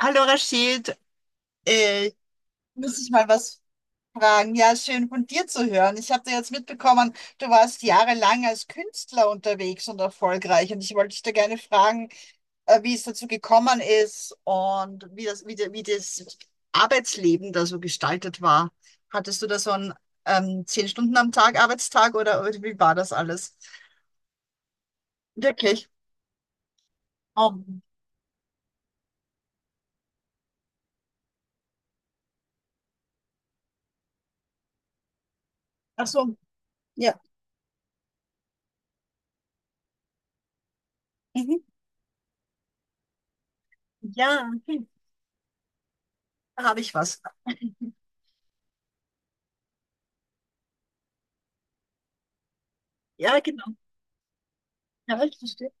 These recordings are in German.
Hallo Rashid, äh, muss ich mal was fragen? Ja, schön von dir zu hören. Ich habe da jetzt mitbekommen, du warst jahrelang als Künstler unterwegs und erfolgreich und ich wollte dich da gerne fragen, wie es dazu gekommen ist und wie das, wie das Arbeitsleben da so gestaltet war. Hattest du da so einen 10 Stunden am Tag Arbeitstag oder wie war das alles? Wirklich? Oh. Ach so, ja. Mhm. Ja, hm, da habe ich was. Ja, genau. Ja, ich verstehe.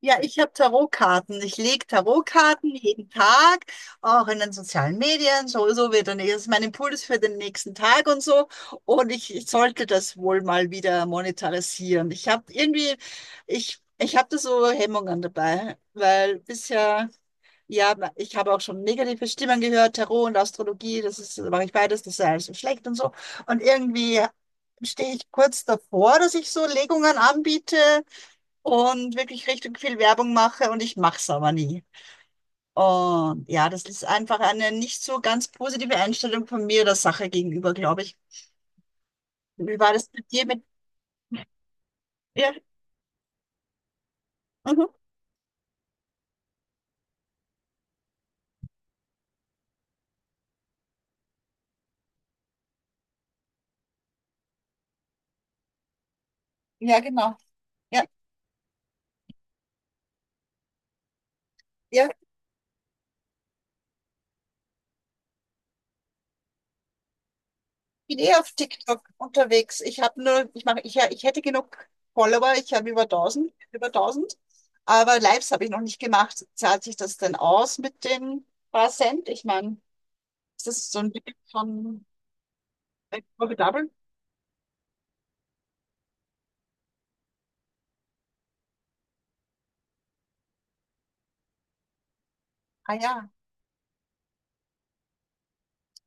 Ja, ich habe Tarotkarten. Ich lege Tarotkarten jeden Tag, auch in den sozialen Medien. So, so wird dann, das ist mein Impuls für den nächsten Tag und so. Und ich sollte das wohl mal wieder monetarisieren. Ich habe irgendwie, ich habe da so Hemmungen dabei, weil bisher, ja, ich habe auch schon negative Stimmen gehört, Tarot und Astrologie, das ist, mache ich beides, das ist ja alles so schlecht und so. Und irgendwie stehe ich kurz davor, dass ich so Legungen anbiete und wirklich richtig viel Werbung mache und ich mache es aber nie. Und ja, das ist einfach eine nicht so ganz positive Einstellung von mir der Sache gegenüber, glaube ich. Wie war das mit dir mit ja, mhm. Ja, genau. Ja, ja, ich bin eh auf TikTok unterwegs. Ich habe nur, ich mache, ich hätte genug Follower, ich habe über 1000, aber Lives habe ich noch nicht gemacht. Zahlt sich das denn aus mit den paar Cent? Ich meine, ist das so ein Ding von profitabel? Ah ja,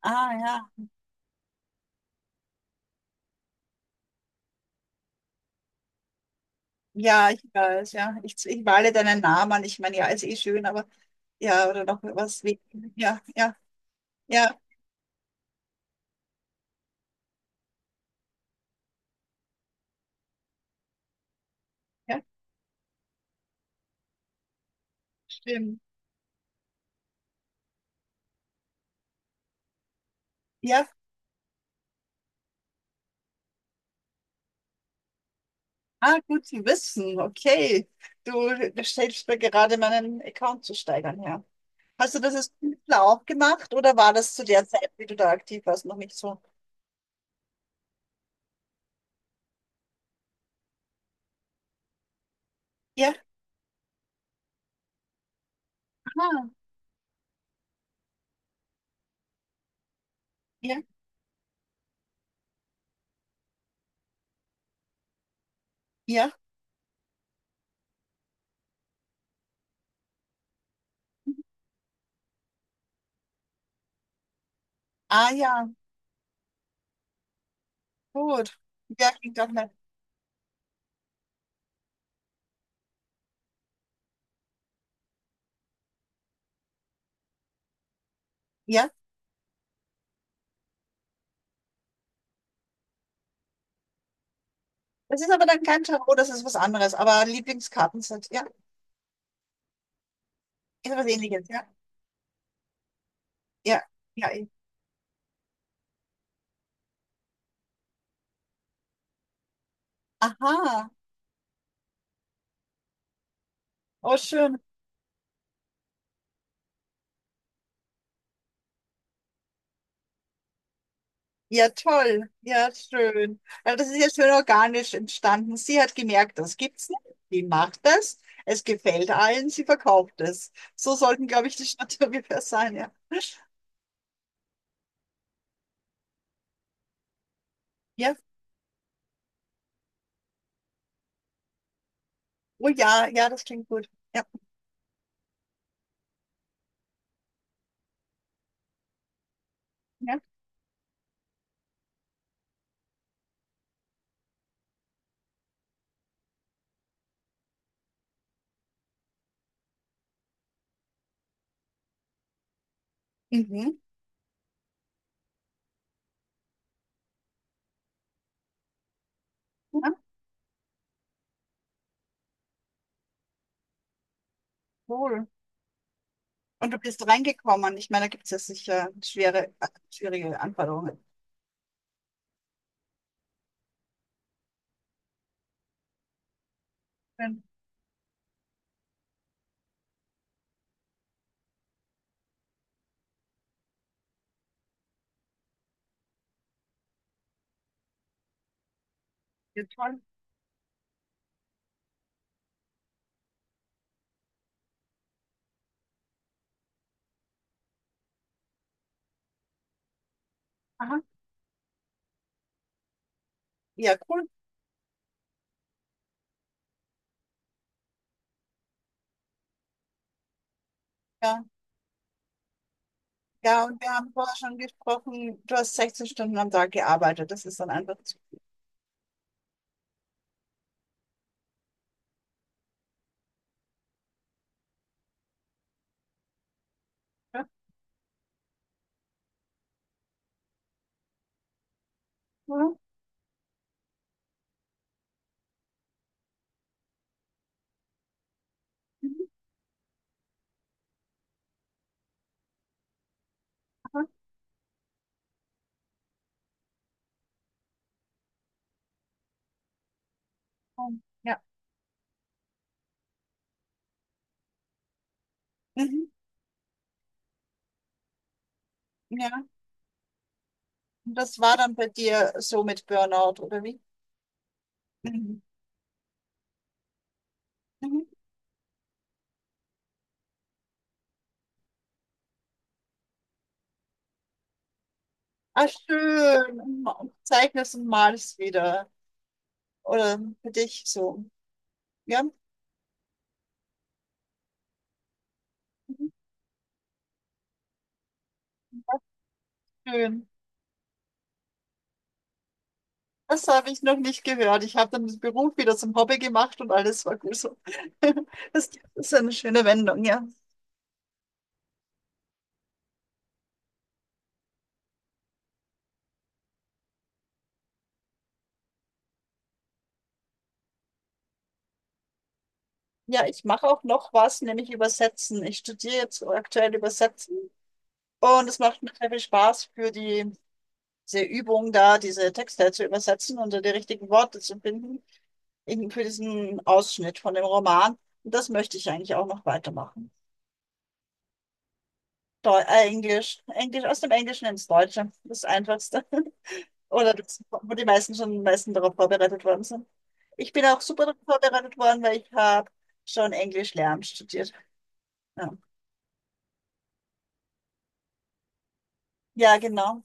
ah ja. Ja, ich weiß, ja. Ich male deinen Namen an. Ich meine, ja, ist eh schön, aber ja, oder noch was wie. Ja, ja, ja, ja, stimmt. Ja, ah, gut zu wissen. Okay. Du stellst mir gerade meinen Account zu steigern, ja. Hast du das als Künstler auch gemacht oder war das zu der Zeit, wie du da aktiv warst, noch nicht so? Ja, ah, ja, ja. Ah, ja, gut. Ja, klingt auch nett. Ja, das ist aber dann kein Tarot, das ist was anderes, aber Lieblingskartenset, ja, ist was ähnliches, ja. Ja, ja, ja. Aha. Oh, schön. Ja, toll. Ja, schön. Ja, das ist ja schön organisch entstanden. Sie hat gemerkt, das gibt's nicht. Die macht das. Es gefällt allen. Sie verkauft es. So sollten, glaube ich, die Schritte ungefähr sein. Ja. Ja. Oh ja, ja, das klingt gut. Ja. Ja. Mhm. Ja, cool. Und du bist reingekommen. Ich meine, da gibt es ja sicher schwere, schwierige Anforderungen. Schön. Ja, toll. Aha. Ja, cool. Ja. Ja, und wir haben vorher schon gesprochen, du hast 16 Stunden am Tag gearbeitet. Das ist dann einfach zu viel. Oder? Mhm. Mhm. Ja. Mhm. Ja. Und das war dann bei dir so mit Burnout, oder wie? Mhm. Mhm. Ah, schön. Und ma- und zeichnest und malst wieder. Oder für dich so. Ja, Mhm, schön. Das habe ich noch nicht gehört. Ich habe dann den Beruf wieder zum Hobby gemacht und alles war gut so. Das ist eine schöne Wendung, ja. Ja, ich mache auch noch was, nämlich Übersetzen. Ich studiere jetzt aktuell Übersetzen und es macht mir sehr viel Spaß für die, diese Übung da, diese Texte zu übersetzen und da die richtigen Worte zu finden, eben für diesen Ausschnitt von dem Roman. Und das möchte ich eigentlich auch noch weitermachen. Deu Englisch, Englisch, aus dem Englischen ins Deutsche, das Einfachste. Oder das, wo die meisten schon am meisten darauf vorbereitet worden sind. Ich bin auch super darauf vorbereitet worden, weil ich habe schon Englisch lernen studiert. Ja, ja genau.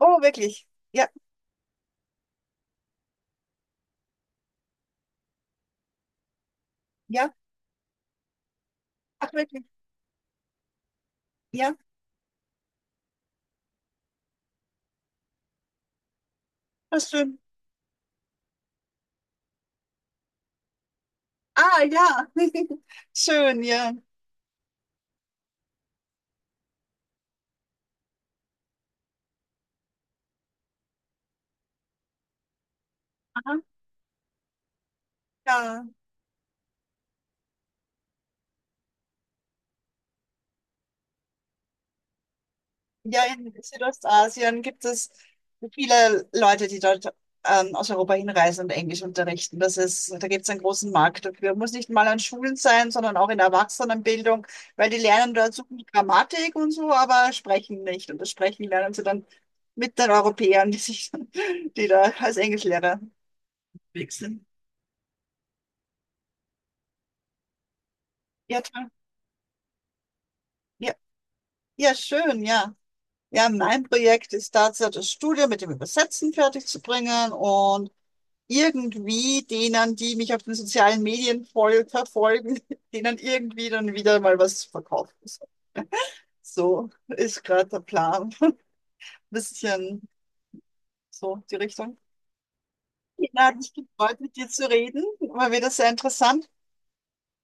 Oh, wirklich? Ja, ja. Ach, wirklich? Ja, das ist schön. Ah, ja. Schön, ja. Aha, ja. Ja, in Südostasien gibt es viele Leute, die dort aus Europa hinreisen und Englisch unterrichten. Das ist, da gibt es einen großen Markt dafür. Muss nicht mal an Schulen sein, sondern auch in der Erwachsenenbildung, weil die lernen dort so viel Grammatik und so, aber sprechen nicht. Und das Sprechen lernen sie dann mit den Europäern, die sich, die da als Englischlehrer unterwegs sind. Ja, toll. Ja. Ja, schön, ja. Ja, mein Projekt ist tatsächlich das Studium mit dem Übersetzen fertig zu bringen und irgendwie denen, die mich auf den sozialen Medien voll verfolgen, denen irgendwie dann wieder mal was verkaufen. So ist gerade der Plan. Bisschen so die Richtung. Ja, hat mich gefreut, mit dir zu reden. War wieder sehr interessant.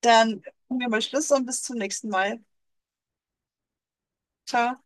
Dann machen wir mal Schluss und bis zum nächsten Mal. Ciao.